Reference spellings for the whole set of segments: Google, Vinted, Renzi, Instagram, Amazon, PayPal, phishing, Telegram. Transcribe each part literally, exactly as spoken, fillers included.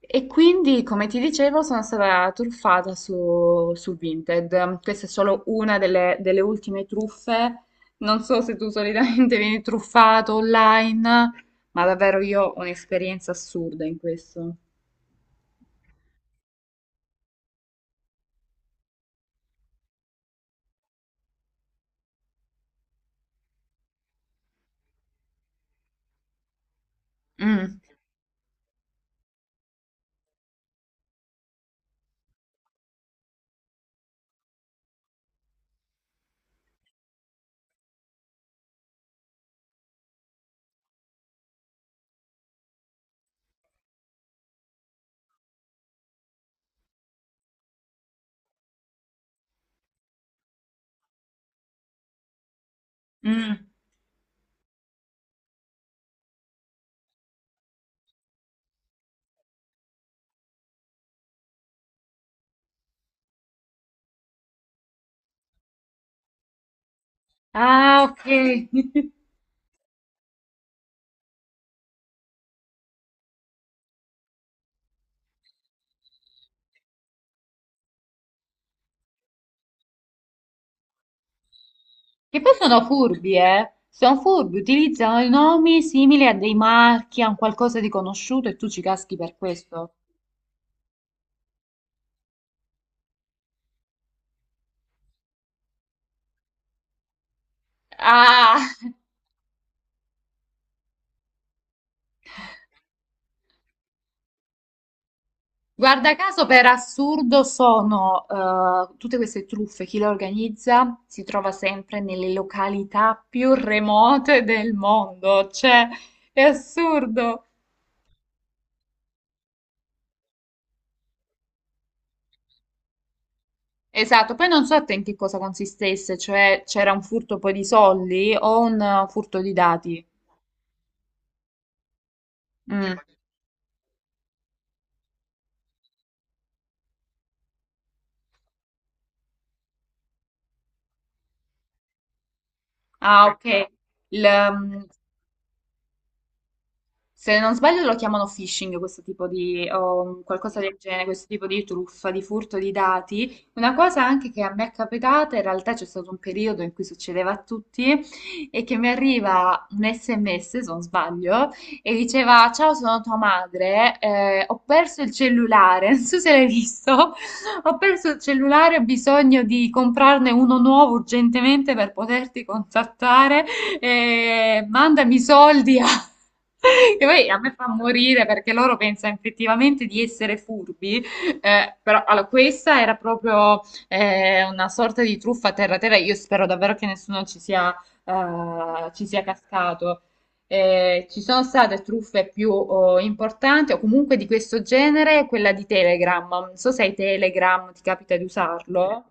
E quindi, come ti dicevo, sono stata truffata su, su Vinted. Questa è solo una delle, delle ultime truffe. Non so se tu solitamente vieni truffato online, ma davvero io ho un'esperienza assurda in questo. Mm, mm. Ah, ok. Che poi sono furbi, eh? Sono furbi, utilizzano i nomi simili a dei marchi, a un qualcosa di conosciuto e tu ci caschi per questo. Ah! Guarda caso, per assurdo sono eh, tutte queste truffe, chi le organizza si trova sempre nelle località più remote del mondo, cioè è assurdo. Esatto, poi non so a te in che cosa consistesse, cioè c'era un furto poi di soldi o un eh, furto di dati. Mm. Ah, ok. Il, mm, Se non sbaglio lo chiamano phishing, questo tipo di, o qualcosa del genere, questo tipo di truffa, di furto di dati. Una cosa anche che a me è capitata, in realtà c'è stato un periodo in cui succedeva a tutti, è che mi arriva un S M S, se non sbaglio, e diceva, ciao, sono tua madre, eh, ho perso il cellulare, non so se l'hai visto, ho perso il cellulare, ho bisogno di comprarne uno nuovo urgentemente per poterti contattare, eh, mandami i soldi a... Che poi a me fa morire perché loro pensano effettivamente di essere furbi, eh, però allora, questa era proprio eh, una sorta di truffa terra-terra. Io spero davvero che nessuno ci sia, eh, ci sia cascato. Eh, ci sono state truffe più oh, importanti o comunque di questo genere, quella di Telegram. Non so se hai Telegram, ti capita di usarlo?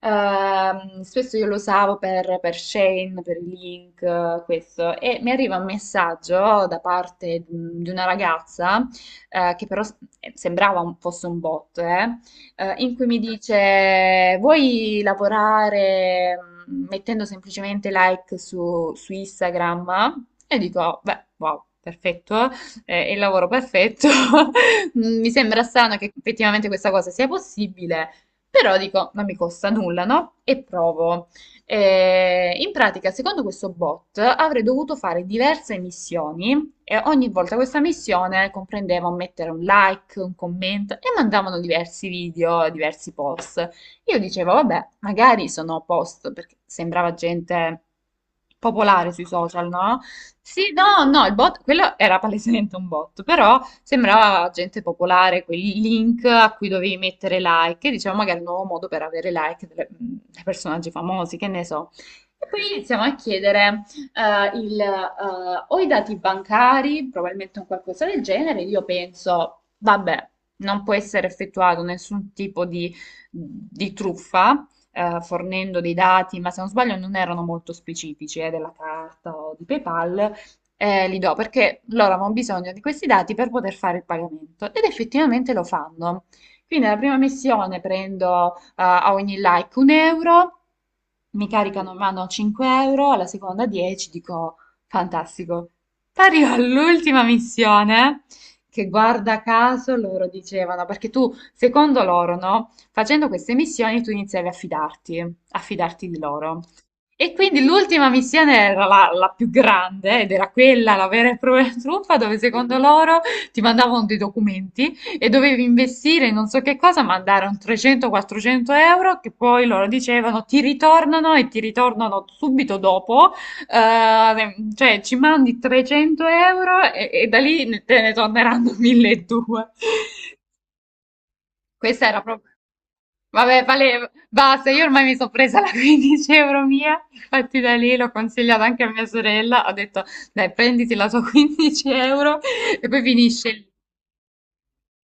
Ehm, spesso io lo usavo per, per Shane, per i link, eh, questo, e mi arriva un messaggio da parte di di una ragazza, eh, che però s- eh, sembrava un- fosse un bot, eh, eh, in cui mi dice: Vuoi lavorare mm, mettendo semplicemente like su, su Instagram? E dico: "Oh, beh, wow. Perfetto, eh, è il lavoro perfetto." Mi sembra strano che effettivamente questa cosa sia possibile, però dico, non mi costa nulla, no? E provo. Eh, in pratica, secondo questo bot, avrei dovuto fare diverse missioni e ogni volta questa missione comprendeva un mettere un like, un commento e mandavano diversi video, diversi post. Io dicevo, vabbè, magari sono a posto, perché sembrava gente popolare sui social, no? Sì, no, no, il bot, quello era palesemente un bot, però sembrava gente popolare, quei link a cui dovevi mettere like, e dicevo, magari un nuovo modo per avere like delle- dei personaggi famosi, che ne so. E poi iniziamo a chiedere eh, il, eh, o i dati bancari, probabilmente un qualcosa del genere, io penso, vabbè, non può essere effettuato nessun tipo di di truffa, eh, fornendo dei dati, ma se non sbaglio non erano molto specifici, eh, della carta o di PayPal, eh, li do perché loro avevano bisogno di questi dati per poter fare il pagamento ed effettivamente lo fanno. Quindi nella prima missione prendo eh, a ogni like un euro, mi caricano in mano cinque euro, alla seconda dieci, dico fantastico. Arrivo all'ultima missione che guarda caso loro dicevano, perché tu, secondo loro, no? Facendo queste missioni tu iniziavi a fidarti, a fidarti di loro. E quindi l'ultima missione era la, la più grande ed era quella, la vera e propria truffa, dove secondo loro ti mandavano dei documenti e dovevi investire in non so che cosa, mandare un trecento-quattrocento euro che poi loro dicevano ti ritornano e ti ritornano subito dopo eh, cioè, ci mandi trecento euro e, e da lì ne- te ne torneranno milleduecento. Questa era proprio... Vabbè, vale, basta, io ormai mi sono presa la quindici euro mia, infatti da lì l'ho consigliata anche a mia sorella, ho detto, dai, prenditi la tua quindici euro e poi finisce lì.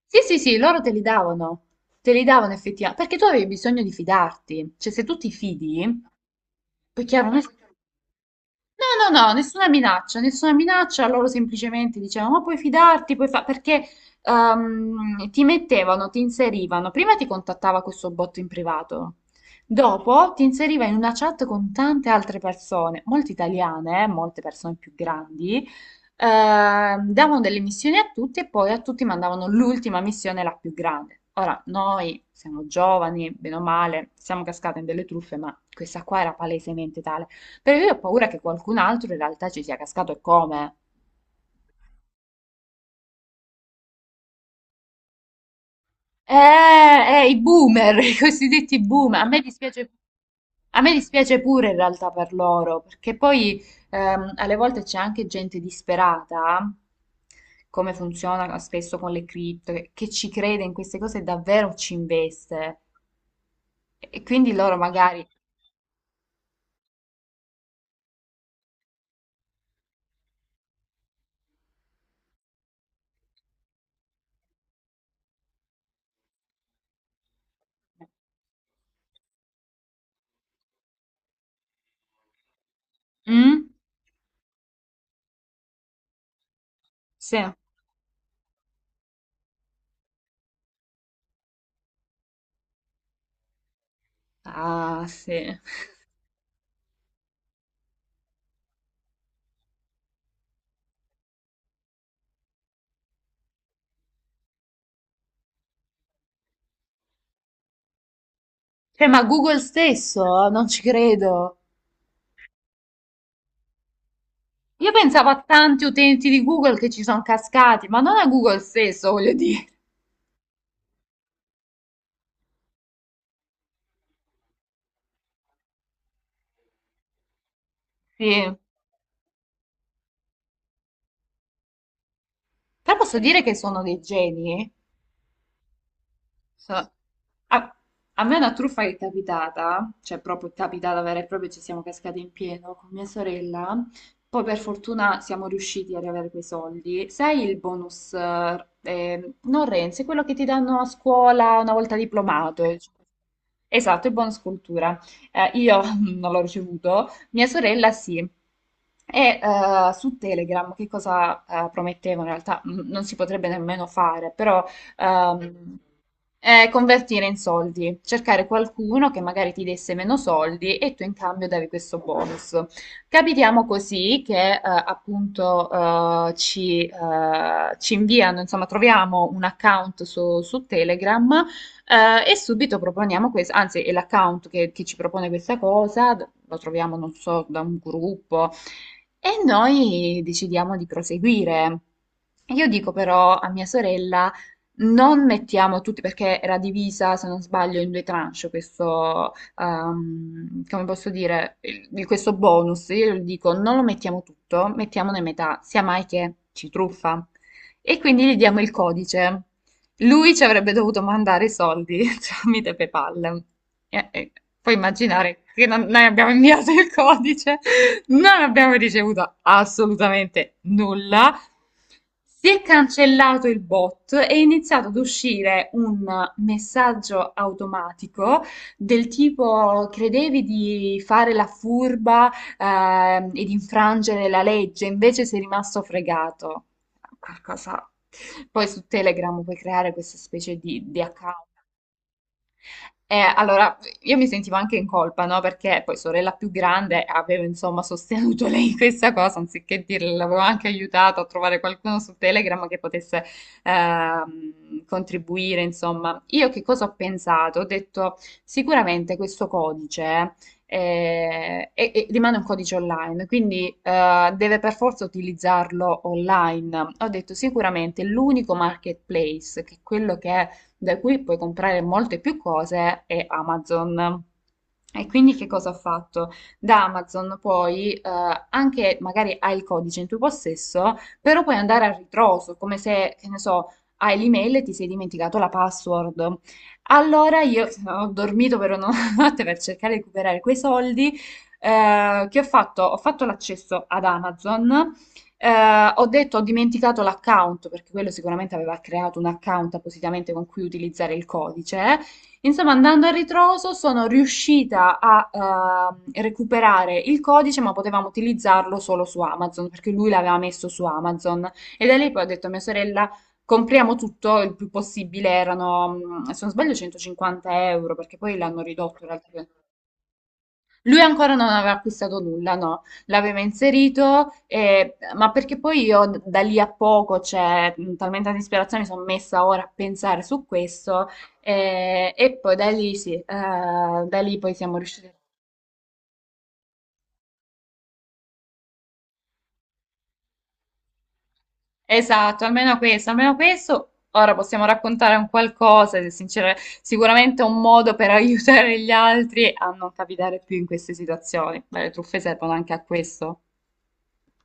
Sì, sì, sì, loro te li davano, te li davano effettivamente, perché tu avevi bisogno di fidarti, cioè se tu ti fidi, poi chiaro, noi- No, no, no, nessuna minaccia, nessuna minaccia, loro semplicemente dicevano, ma puoi fidarti, puoi fare, perché ehm, ti mettevano, ti inserivano, prima ti contattava questo botto in privato, dopo ti inseriva in una chat con tante altre persone, molte italiane, eh, molte persone più grandi, ehm, davano delle missioni a tutti e poi a tutti mandavano l'ultima missione, la più grande. Ora, noi siamo giovani, bene o male, siamo cascate in delle truffe, ma questa qua era palesemente tale. Perché io ho paura che qualcun altro in realtà ci sia cascato e come. Eh, eh, I boomer, i cosiddetti boomer. A me dispiace, a me dispiace pure in realtà per loro, perché poi ehm, alle volte c'è anche gente disperata, come funziona spesso con le cripto, che, che ci crede in queste cose e davvero ci investe. E quindi loro magari... Mm? Sì. Ah, sì. Cioè, ma Google stesso, non ci credo. Io pensavo a tanti utenti di Google che ci sono cascati, ma non a Google stesso, voglio dire. Sì. Però posso dire che sono dei geni, eh? So- a, a me una truffa che è capitata, cioè proprio capitata vera e propria, ci siamo cascati in pieno con mia sorella. Poi per fortuna siamo riusciti ad avere quei soldi. Sai il bonus, eh, eh, non Renzi, quello che ti danno a scuola una volta diplomato, eh, cioè Esatto, il bonus cultura. Eh, io non l'ho ricevuto, mia sorella sì. E eh, su Telegram che cosa eh, promettevano? In realtà mm, non si potrebbe nemmeno fare, però ehm, eh, convertire in soldi, cercare qualcuno che magari ti desse meno soldi e tu in cambio davi questo bonus. Capitiamo così che eh, appunto eh, ci, eh, ci inviano, insomma, troviamo un account su, su Telegram eh, e subito proponiamo questo, anzi è l'account che, che ci propone questa cosa, lo troviamo, non so, da un gruppo e noi decidiamo di proseguire. Io dico però a mia sorella, non mettiamo tutti, perché era divisa, se non sbaglio, in due tranche questo, ehm, come posso dire, il- il- questo bonus. Io le dico, non lo mettiamo tutto, mettiamone metà, sia mai che ci truffa. E quindi gli diamo il codice. Lui ci avrebbe dovuto mandare i soldi tramite PayPal. E- e puoi immaginare che non- noi abbiamo inviato il codice, non abbiamo ricevuto assolutamente nulla. Si è cancellato il bot e è iniziato ad uscire un messaggio automatico del tipo: credevi di fare la furba, ehm, e di infrangere la legge, invece sei rimasto fregato qualcosa... Poi su Telegram puoi creare questa specie di, di account eh, allora, io mi sentivo anche in colpa, no? Perché poi sorella più grande avevo insomma sostenuto lei in questa cosa, anziché dirle, l'avevo anche aiutato a trovare qualcuno su Telegram che potesse ehm, contribuire, insomma. Io che cosa ho pensato? Ho detto, sicuramente questo codice eh, è- è- rimane un codice online, quindi eh, deve per forza utilizzarlo online. Ho detto, sicuramente l'unico marketplace, che è quello che da cui puoi comprare molte più cose, è Amazon. E quindi che cosa ho fatto? Da Amazon poi, eh, anche magari hai il codice in tuo possesso, però puoi andare a ritroso, come se, che ne so, hai l'email e ti sei dimenticato la password. Allora io ho dormito per una notte per cercare di recuperare quei soldi, eh, che ho fatto? Ho fatto l'accesso ad Amazon, eh, ho detto ho dimenticato l'account, perché quello sicuramente aveva creato un account appositamente con cui utilizzare il codice. Insomma, andando a ritroso sono riuscita a ehm, recuperare il codice, ma potevamo utilizzarlo solo su Amazon, perché lui l'aveva messo su Amazon. E da lì poi ho detto a mia sorella, compriamo tutto il più possibile, erano, mm, se non sbaglio, centocinquanta euro, perché poi l'hanno ridotto in realtà. Lui ancora non aveva acquistato nulla, no, l'aveva inserito, e- ma perché poi io da lì a poco, cioè, mh, talmente tanta ispirazione, mi sono messa ora a pensare su questo e, e poi da lì sì, eh, da lì poi siamo riusciti. Esatto, almeno questo, almeno questo. Ora possiamo raccontare un qualcosa, se sincero- sicuramente un modo per aiutare gli altri a non capitare più in queste situazioni. Beh, le truffe servono anche a questo.